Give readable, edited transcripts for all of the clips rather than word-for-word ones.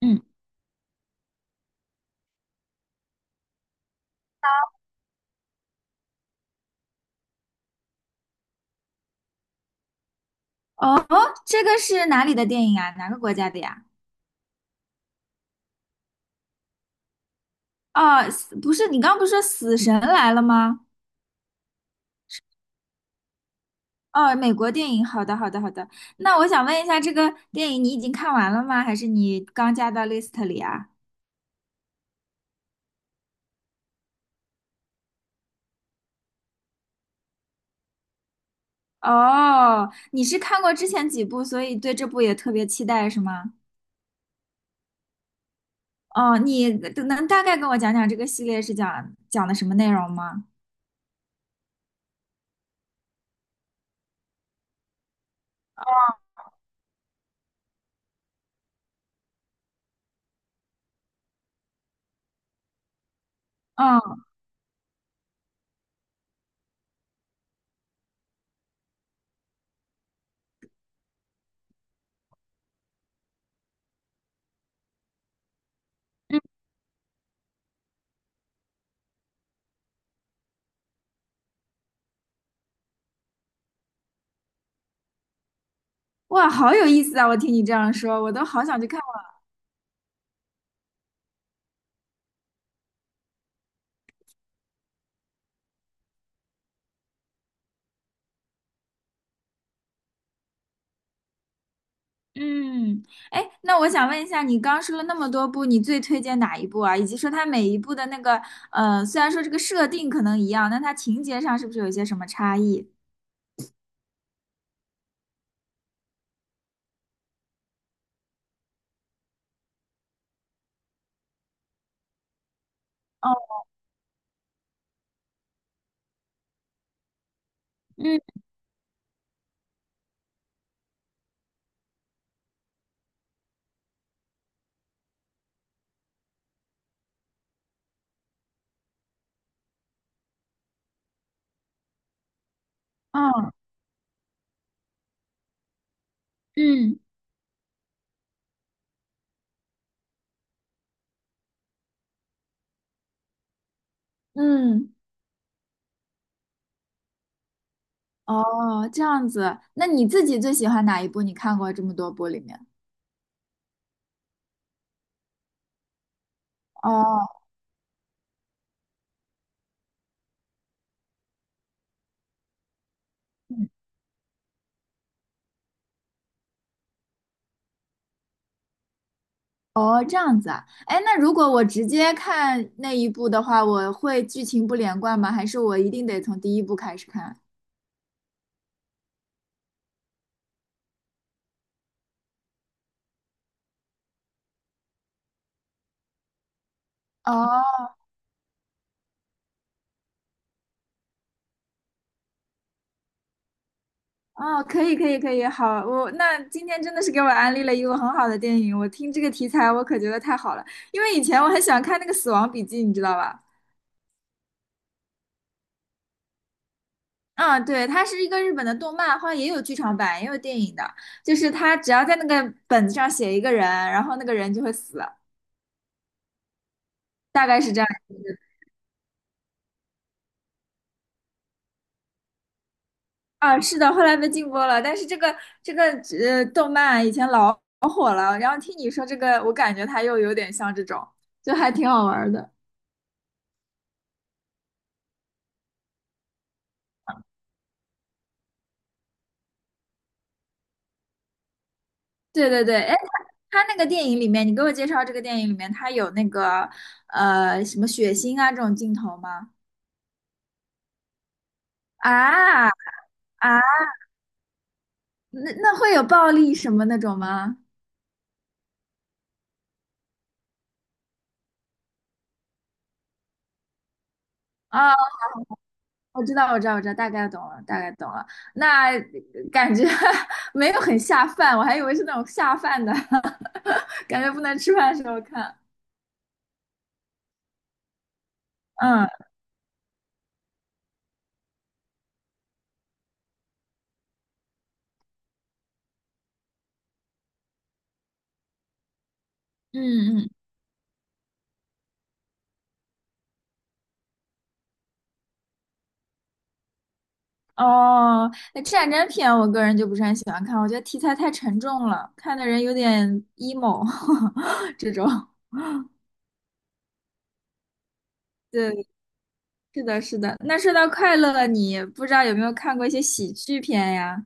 嗯，哦，这个是哪里的电影啊？哪个国家的呀？哦，死不是，你刚不是说《死神来了》吗？哦，美国电影。好的，好的，好的。那我想问一下，这个电影你已经看完了吗？还是你刚加到 list 里啊？哦，你是看过之前几部，所以对这部也特别期待，是吗？哦，你能大概跟我讲讲这个系列是讲的什么内容吗？嗯嗯，哇，好有意思啊！我听你这样说，我都好想去看。嗯，哎，那我想问一下，你刚说了那么多部，你最推荐哪一部啊？以及说它每一部的那个，虽然说这个设定可能一样，但它情节上是不是有一些什么差异？哦，嗯，哦，嗯嗯，哦，这样子，那你自己最喜欢哪一部？你看过这么多部里面？哦，嗯哦，这样子啊，哎，那如果我直接看那一部的话，我会剧情不连贯吗？还是我一定得从第一部开始看？哦哦，可以可以可以，好，我那今天真的是给我安利了一个很好的电影，我听这个题材我可觉得太好了，因为以前我很喜欢看那个《死亡笔记》，你知道吧？嗯，对，它是一个日本的动漫，好像也有剧场版，也有电影的，就是它只要在那个本子上写一个人，然后那个人就会死，大概是这样一个。啊，是的，后来被禁播了，但是这个动漫以前老火了，然后听你说这个，我感觉它又有点像这种，就还挺好玩的。对对对，哎，他那个电影里面，你给我介绍这个电影里面，他有那个什么血腥啊这种镜头吗？啊啊，那那会有暴力什么那种吗？啊，我知道，我知道，我知道，大概懂了，大概懂了。那感觉 没有很下饭，我还以为是那种下饭的，感觉不能吃饭的时候看。嗯嗯嗯哦，那战争片我个人就不是很喜欢看，我觉得题材太沉重了，看的人有点 emo 这种。对，是的，是的。那说到快乐，你不知道有没有看过一些喜剧片呀？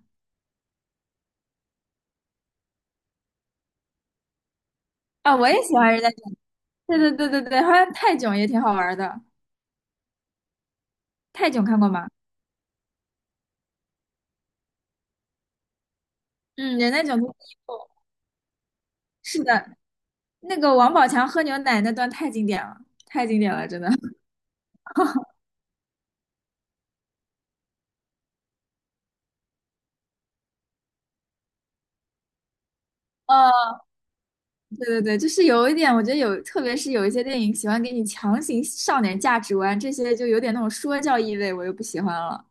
啊、我也喜欢人家囧。对对对对对，好像泰囧也挺好玩的。泰囧看过吗？嗯，人家囧都是的，那个王宝强喝牛奶那段太经典了，太经典了，真的。对对对，就是有一点，我觉得有，特别是有一些电影喜欢给你强行上点价值观，这些就有点那种说教意味，我又不喜欢了。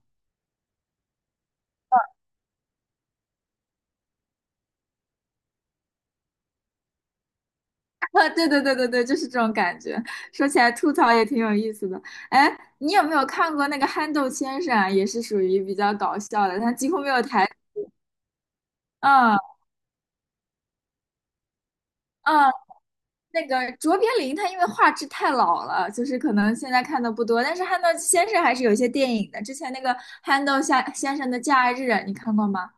啊，对对对对对，就是这种感觉。说起来吐槽也挺有意思的。哎，你有没有看过那个憨豆先生啊？也是属于比较搞笑的，他几乎没有台。嗯嗯，那个卓别林他因为画质太老了，就是可能现在看的不多，但是憨豆先生还是有一些电影的。之前那个憨豆先生的《假日》啊，你看过吗？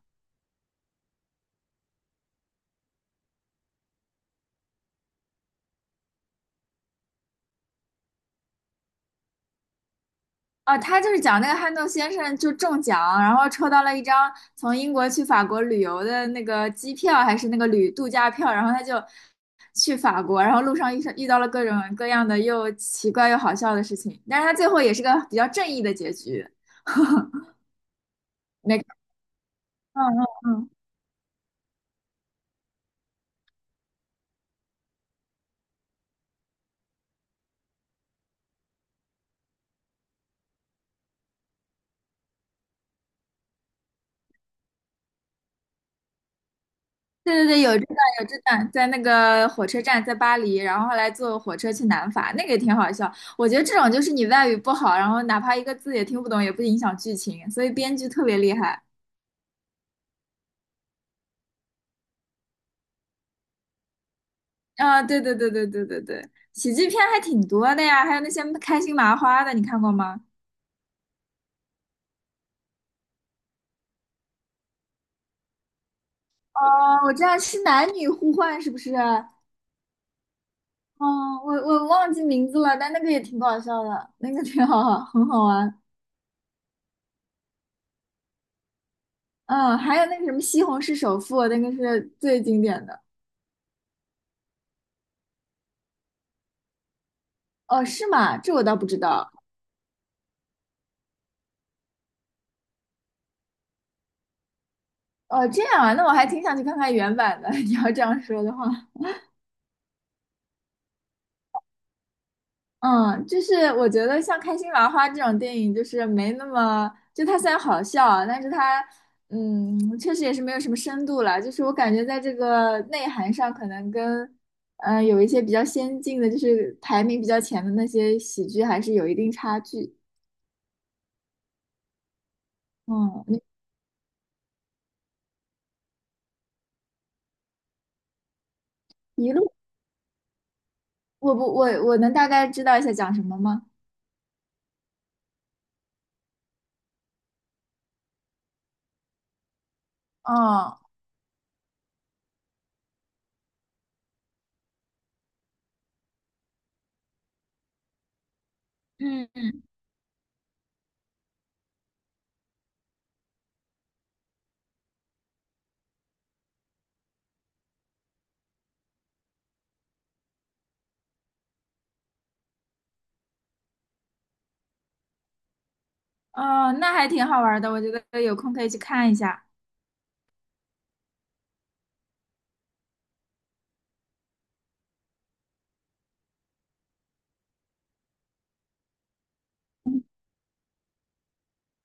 啊，他就是讲那个憨豆先生就中奖，然后抽到了一张从英国去法国旅游的那个机票，还是那个旅度假票，然后他就去法国，然后路上遇到了各种各样的又奇怪又好笑的事情，但是他最后也是个比较正义的结局。没，嗯嗯嗯，对对对，有这段有这段，在那个火车站，在巴黎，然后后来坐火车去南法，那个也挺好笑。我觉得这种就是你外语不好，然后哪怕一个字也听不懂，也不影响剧情，所以编剧特别厉害。啊，对对对对对对对，喜剧片还挺多的呀，还有那些开心麻花的，你看过吗？哦，我知道是男女互换，是不是？哦，我忘记名字了，但那个也挺搞笑的，那个挺好，很好玩。嗯，还有那个什么《西红柿首富》，那个是最经典的。哦，是吗？这我倒不知道。哦，这样啊，那我还挺想去看看原版的。你要这样说的话，嗯，就是我觉得像《开心麻花》这种电影，就是没那么，就它虽然好笑，但是它，嗯，确实也是没有什么深度了。就是我感觉在这个内涵上，可能跟，有一些比较先进的，就是排名比较前的那些喜剧，还是有一定差距。嗯，你一路，我不，我能大概知道一下讲什么吗？哦，嗯，哦，那还挺好玩的，我觉得有空可以去看一下。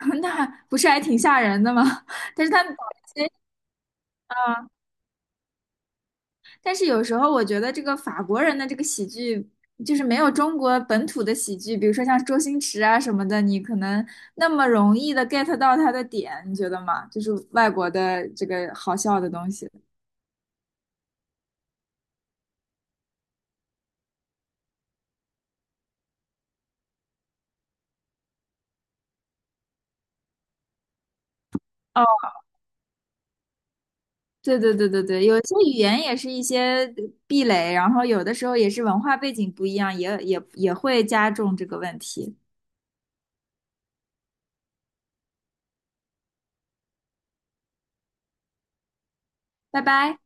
那不是还挺吓人的吗？但是他们。但是有时候我觉得这个法国人的这个喜剧，就是没有中国本土的喜剧，比如说像周星驰啊什么的，你可能那么容易的 get 到他的点，你觉得吗？就是外国的这个好笑的东西。哦，对对对对对，有些语言也是一些壁垒，然后有的时候也是文化背景不一样，也会加重这个问题。拜拜。